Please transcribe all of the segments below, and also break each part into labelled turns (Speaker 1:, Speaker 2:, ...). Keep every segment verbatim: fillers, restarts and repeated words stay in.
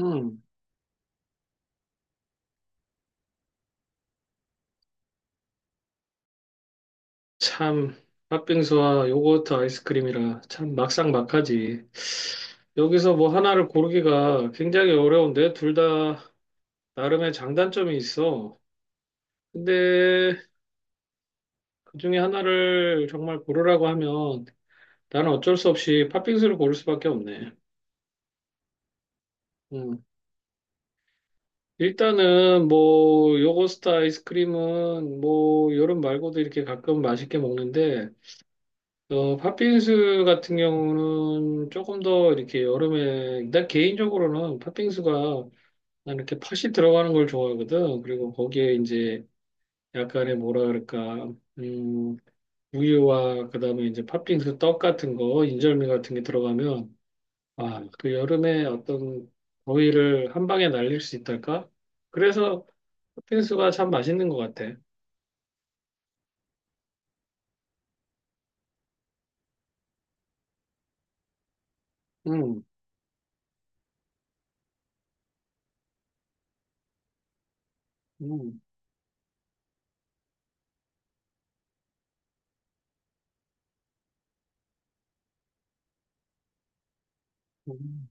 Speaker 1: 음, 참, 팥빙수와 요거트 아이스크림이라 참 막상막하지. 여기서 뭐 하나를 고르기가 굉장히 어려운데 둘 다 나름의 장단점이 있어. 근데 그 중에 하나를 정말 고르라고 하면 나는 어쩔 수 없이 팥빙수를 고를 수밖에 없네. 음. 일단은 뭐 요거트 아이스크림은 뭐 여름 말고도 이렇게 가끔 맛있게 먹는데 어, 팥빙수 같은 경우는 조금 더 이렇게 여름에, 난 개인적으로는 팥빙수가 난 이렇게 팥이 들어가는 걸 좋아하거든. 그리고 거기에 이제 약간의 뭐라 그럴까, 음, 우유와 그다음에 이제 팥빙수 떡 같은 거, 인절미 같은 게 들어가면, 아, 그 여름에 어떤 더위를 한 방에 날릴 수 있달까? 그래서 팥빙수가 참 맛있는 것 같아. 음, 음, 음,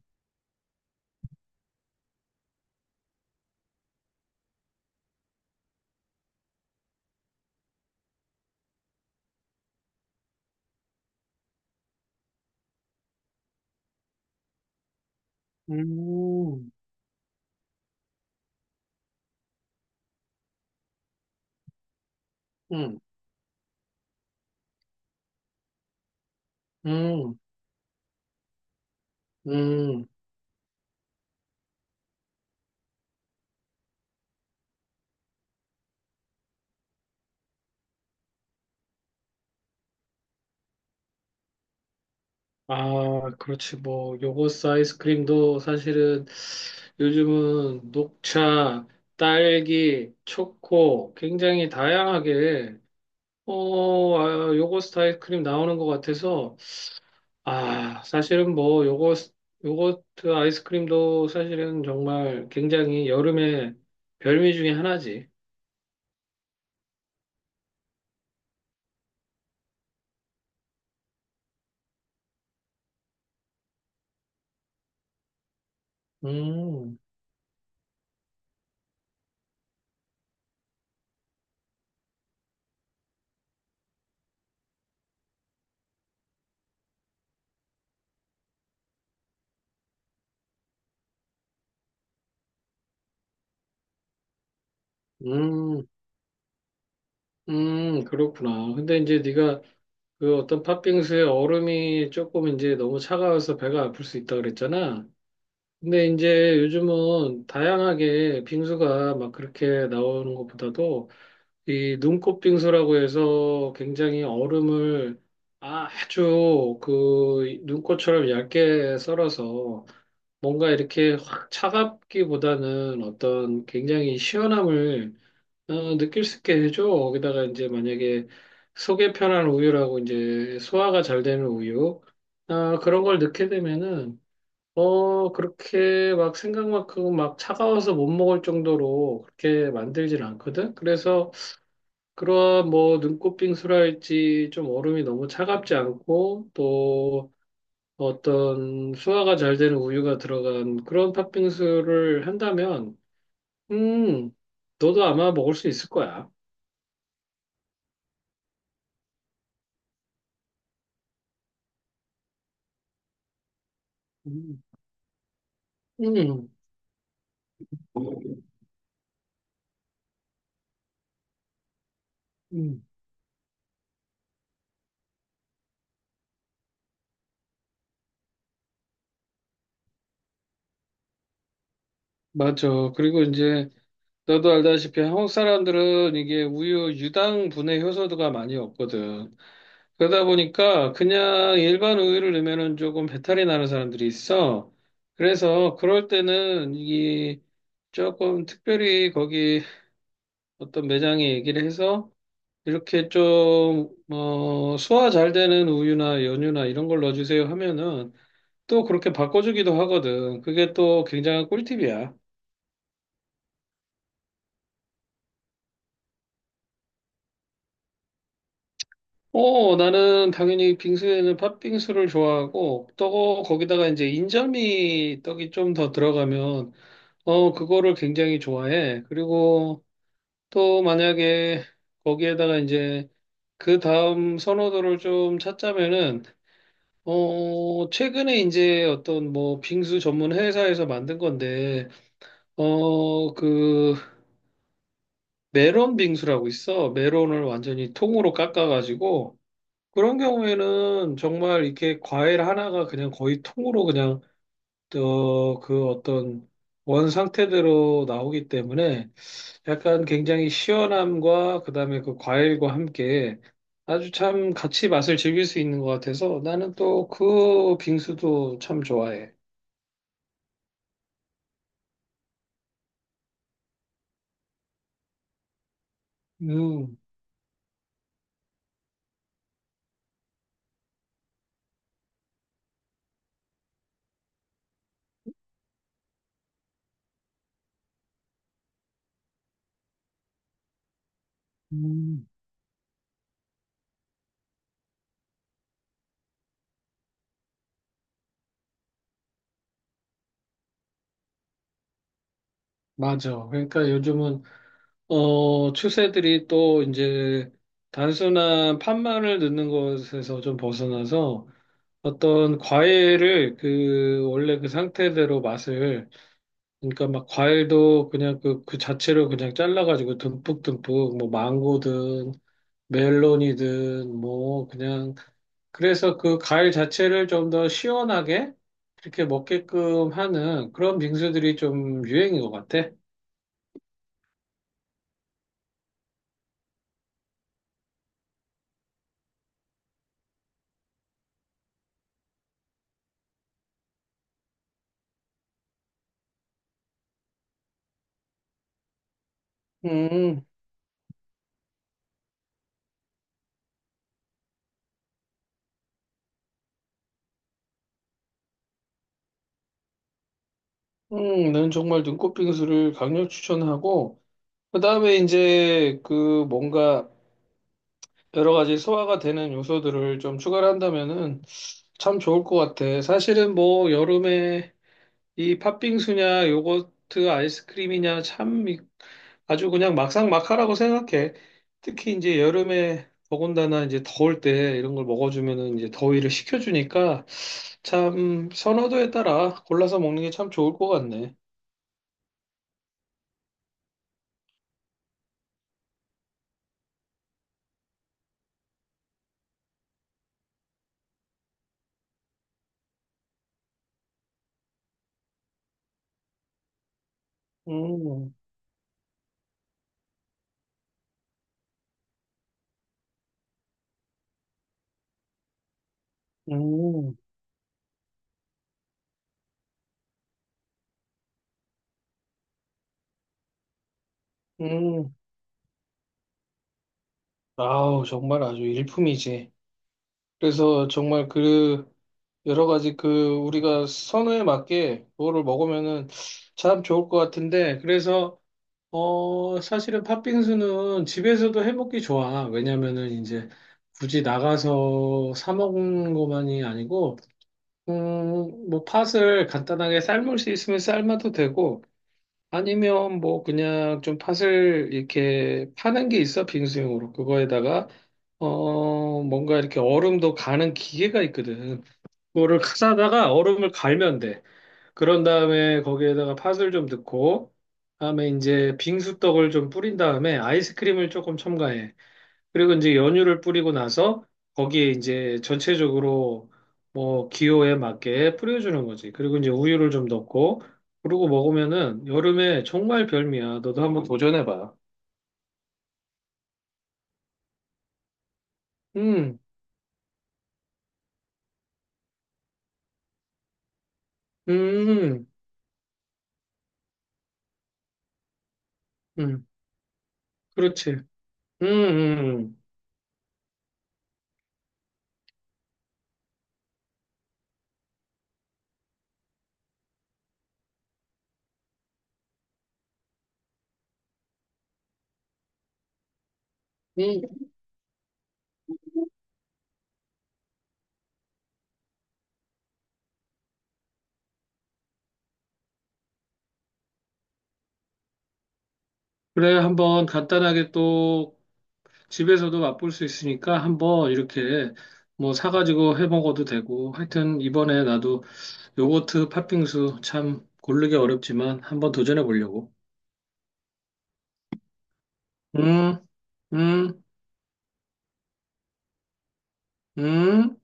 Speaker 1: 음, 음, 음. 음. 아, 그렇지. 뭐, 요거스 아이스크림도 사실은 요즘은 녹차, 딸기, 초코 굉장히 다양하게, 어, 아, 요거스트 아이스크림 나오는 것 같아서, 아, 사실은 뭐, 요거스, 요거트 아이스크림도 사실은 정말 굉장히 여름의 별미 중에 하나지. 음, 음, 음, 그렇구나. 근데 이제 네가 그 어떤 팥빙수에 얼음이 조금 이제 너무 차가워서 배가 아플 수 있다 그랬잖아. 근데 이제 요즘은 다양하게 빙수가 막 그렇게 나오는 것보다도 이 눈꽃 빙수라고 해서 굉장히 얼음을 아주 그 눈꽃처럼 얇게 썰어서 뭔가 이렇게 확 차갑기보다는 어떤 굉장히 시원함을 어, 느낄 수 있게 해줘. 거기다가 이제 만약에 속이 편한 우유라고 이제 소화가 잘 되는 우유, 아, 그런 걸 넣게 되면은, 어, 그렇게 막 생각만큼 막 차가워서 못 먹을 정도로 그렇게 만들진 않거든? 그래서 그런 뭐 눈꽃 빙수랄지 좀 얼음이 너무 차갑지 않고 또 어떤 소화가 잘 되는 우유가 들어간 그런 팥빙수를 한다면, 음, 너도 아마 먹을 수 있을 거야. 음. 음, 음, 맞아. 그리고 이제 너도 알다시피 한국 사람들은 이게 우유 유당 분해 효소도가 많이 없거든. 그러다 보니까 그냥 일반 우유를 넣으면은 조금 배탈이 나는 사람들이 있어. 그래서 그럴 때는 이 조금 특별히 거기 어떤 매장에 얘기를 해서 이렇게 좀, 어, 소화 잘 되는 우유나 연유나 이런 걸 넣어주세요 하면은 또 그렇게 바꿔주기도 하거든. 그게 또 굉장한 꿀팁이야. 어, 나는 당연히 빙수에는 팥빙수를 좋아하고, 또 거기다가 이제 인절미 떡이 좀 더 들어가면, 어, 그거를 굉장히 좋아해. 그리고 또 만약에 거기에다가 이제 그 다음 선호도를 좀 찾자면은, 어, 최근에 이제 어떤 뭐 빙수 전문 회사에서 만든 건데, 어, 그 메론 빙수라고 있어. 메론을 완전히 통으로 깎아가지고, 그런 경우에는 정말 이렇게 과일 하나가 그냥 거의 통으로 그냥 어, 그 어떤 원 상태대로 나오기 때문에 약간 굉장히 시원함과 그다음에 그 과일과 함께 아주 참 같이 맛을 즐길 수 있는 것 같아서 나는 또 그 빙수도 참 좋아해. 음, 음, 맞아. 그러니까 요즘은 어, 추세들이 또 이제 단순한 팥만을 넣는 것에서 좀 벗어나서 어떤 과일을 그 원래 그 상태대로 맛을 그러니까 막 과일도 그냥 그 그 자체로 그냥 잘라가지고 듬뿍듬뿍 뭐 망고든 멜론이든 뭐 그냥 그래서 그 과일 자체를 좀 더 시원하게 이렇게 먹게끔 하는 그런 빙수들이 좀 유행인 것 같아. 음, 음, 난 정말 눈꽃 빙수를 강력 추천하고 그다음에 이제 그 뭔가 여러 가지 소화가 되는 요소들을 좀 추가를 한다면은 참 좋을 것 같아. 사실은 뭐 여름에 이 팥빙수냐 요거트 아이스크림이냐 참 이- 아주 그냥 막상막하라고 생각해. 특히 이제 여름에 더군다나 이제 더울 때 이런 걸 먹어주면은 이제 더위를 식혀주니까 참 선호도에 따라 골라서 먹는 게 참 좋을 것 같네. 음, 음, 음. 아우, 정말 아주 일품이지. 그래서 정말 그 여러 가지 그 우리가 선호에 맞게 그거를 먹으면은 참 좋을 것 같은데 그래서 어 사실은 팥빙수는 집에서도 해 먹기 좋아. 왜냐면은 이제 굳이 나가서 사 먹는 것만이 아니고 음뭐 팥을 간단하게 삶을 수 있으면 삶아도 되고 아니면 뭐 그냥 좀 팥을 이렇게 파는 게 있어 빙수용으로 그거에다가 어 뭔가 이렇게 얼음도 가는 기계가 있거든. 그거를 싸다가 얼음을 갈면 돼. 그런 다음에 거기에다가 팥을 좀 넣고, 다음에 이제 빙수떡을 좀 뿌린 다음에 아이스크림을 조금 첨가해. 그리고 이제 연유를 뿌리고 나서 거기에 이제 전체적으로 뭐 기호에 맞게 뿌려주는 거지. 그리고 이제 우유를 좀 넣고, 그러고 먹으면은 여름에 정말 별미야. 너도 한번 도전해봐. 음, 음, 음, 그렇지. 음, 음, 음. 그래, 한번 간단하게 또 집에서도 맛볼 수 있으니까 한번 이렇게 뭐 사가지고 해 먹어도 되고 하여튼 이번에 나도 요거트 팥빙수 참 고르기 어렵지만 한번 도전해 보려고. 음, 음, 음.